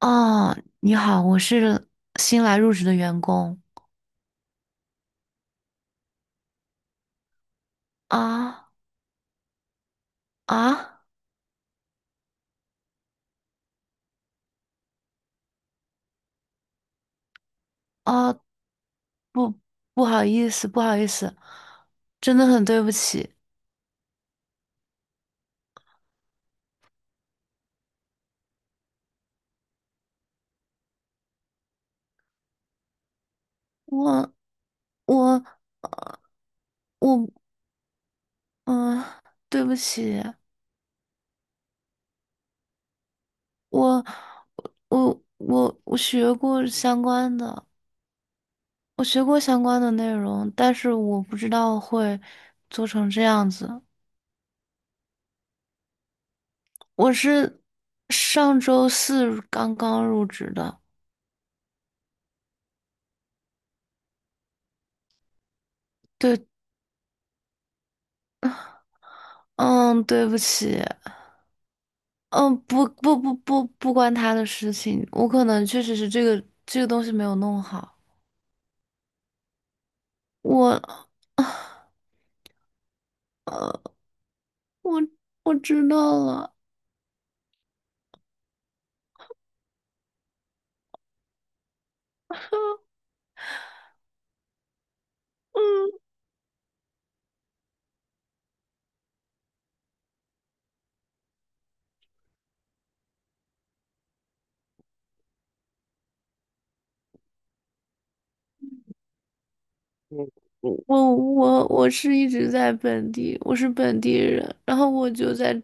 哦，你好，我是新来入职的员工。啊啊啊！不不好意思，不好意思，真的很对不起。我我我嗯，对不起。我我学过相关的，我学过相关的内容，但是我不知道会做成这样子。我是上周四刚刚入职的，对。嗯，对不起。嗯，不不不不不关他的事情，我可能确实是这个东西没有弄好。我 我我知道了。嗯我是一直在本地，我是本地人，然后我就在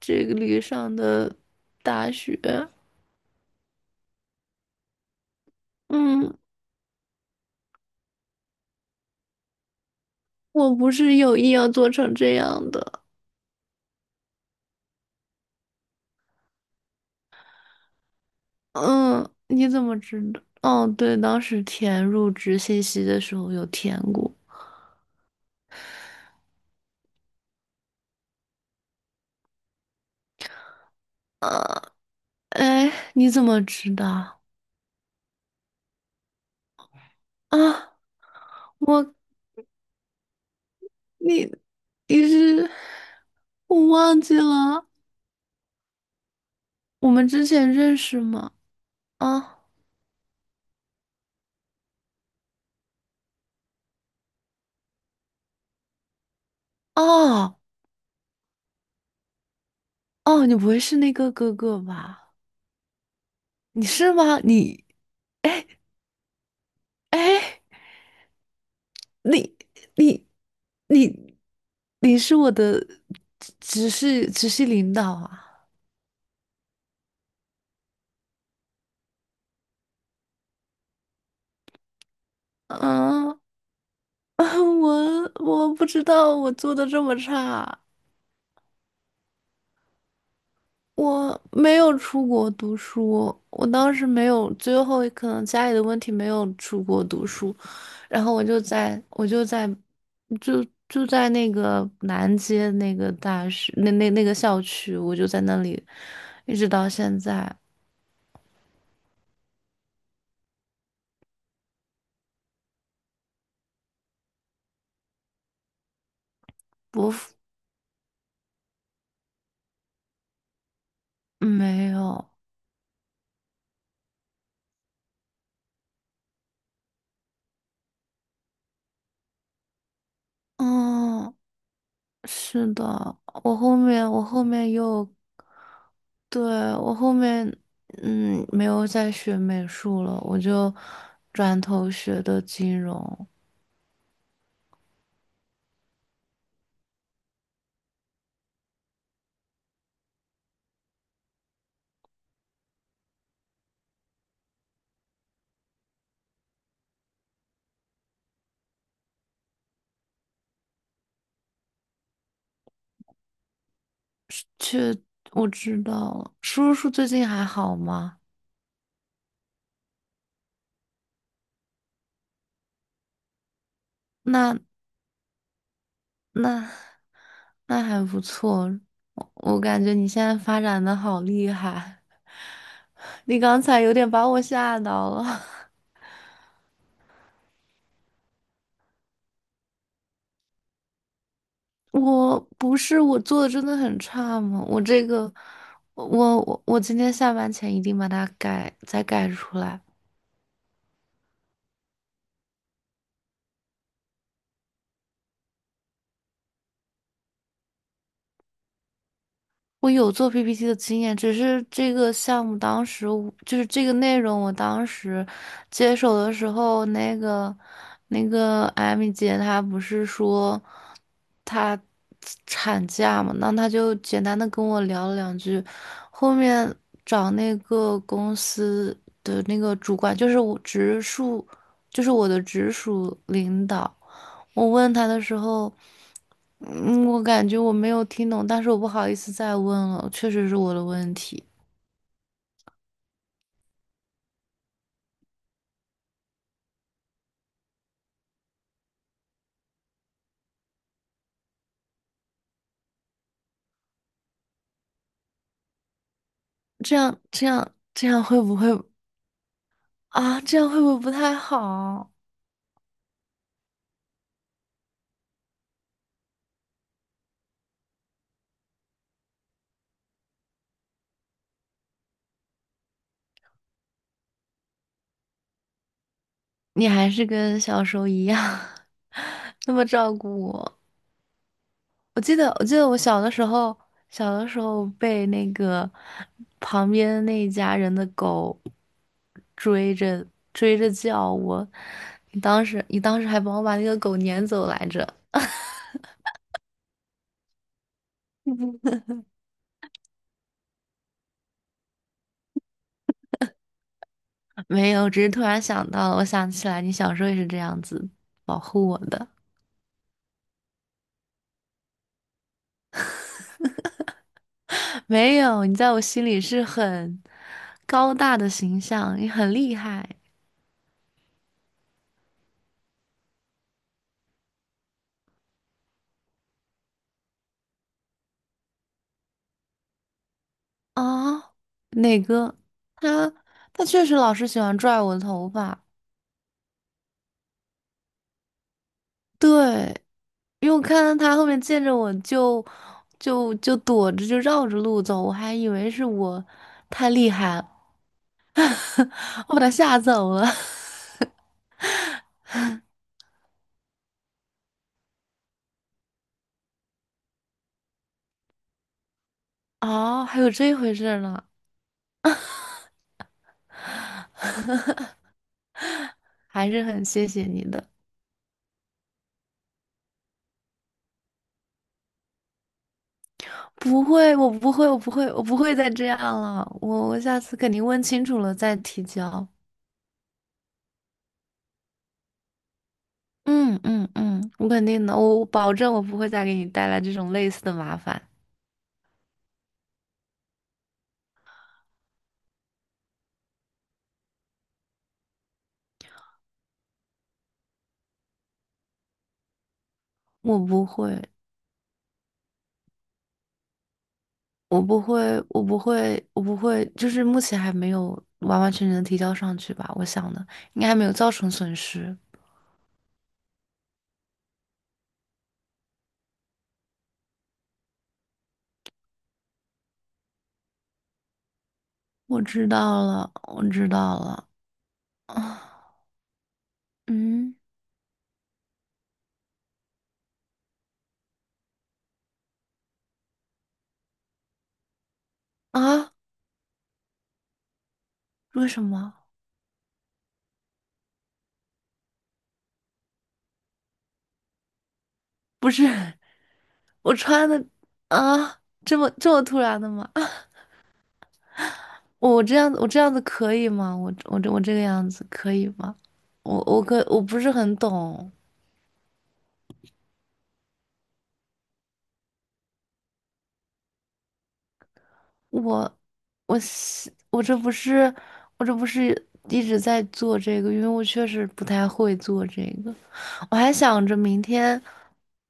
这个里上的大学。嗯，我不是有意要做成这样的。嗯，你怎么知道？哦，对，当时填入职信息的时候有填过。哎，你怎么知道？啊，我你你是。我忘记了，我们之前认识吗？啊哦哦，你不会是那个哥哥吧？你是吗？哎，你你你你是我的直系领导啊？啊，我不知道我做的这么差。我没有出国读书。我当时没有，最后可能家里的问题没有出国读书。然后我就在我就在就就在那个南街那个大学那个校区，我就在那里一直到现在。我没有。嗯，是的。我后面又对，我后面嗯没有再学美术了，我就转头学的金融。去，我知道了。叔叔最近还好吗？那那那还不错。我感觉你现在发展的好厉害，你刚才有点把我吓到了。我不是我做的真的很差吗？我这个，我今天下班前一定把它改出来。我有做 PPT 的经验，只是这个项目当时我就是这个内容，我当时接手的时候，那个艾米姐她不是说她产假嘛，那她就简单的跟我聊了两句。后面找那个公司的那个主管，就是我直属，就是我的直属领导，我问他的时候。嗯，我感觉我没有听懂，但是我不好意思再问了，确实是我的问题。这样会不会。啊？这样会不会不太好？你还是跟小时候一样 那么照顾我。我记得我小的时候，小的时候被那个旁边那一家人的狗追着追着叫我，你当时还帮我把那个狗撵走来着。没有，只是突然想到了，我想起来你小时候也是这样子保护我的。没有，你在我心里是很高大的形象，你很厉害啊。哪个？他他确实老是喜欢拽我的头发。对，因为我看到他后面见着我就躲着，就绕着路走，我还以为是我太厉害了，我把他吓走了。哦，还有这回事儿呢。还是很谢谢你的。不会，我不会，我不会，我不会再这样了。我下次肯定问清楚了再提交。嗯，我肯定的，我保证我不会再给你带来这种类似的麻烦。我不会，我不会，就是目前还没有完完全全的提交上去吧。我想的应该还没有造成损失。我知道了。啊，嗯啊，为什么？不是。我穿的啊，这么突然的吗？啊，我这样子可以吗？我这个样子可以吗？我不是很懂。我我是我这不是我这不是一直在做这个，因为我确实不太会做这个。我还想着明天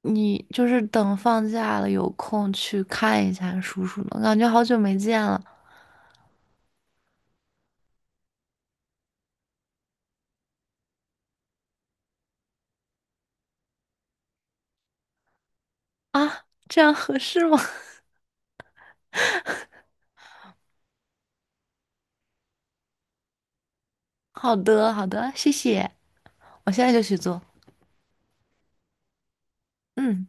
你就是等放假了有空去看一下叔叔呢，感觉好久没见了。啊，这样合适吗？好的好的，谢谢。我现在就去做。嗯。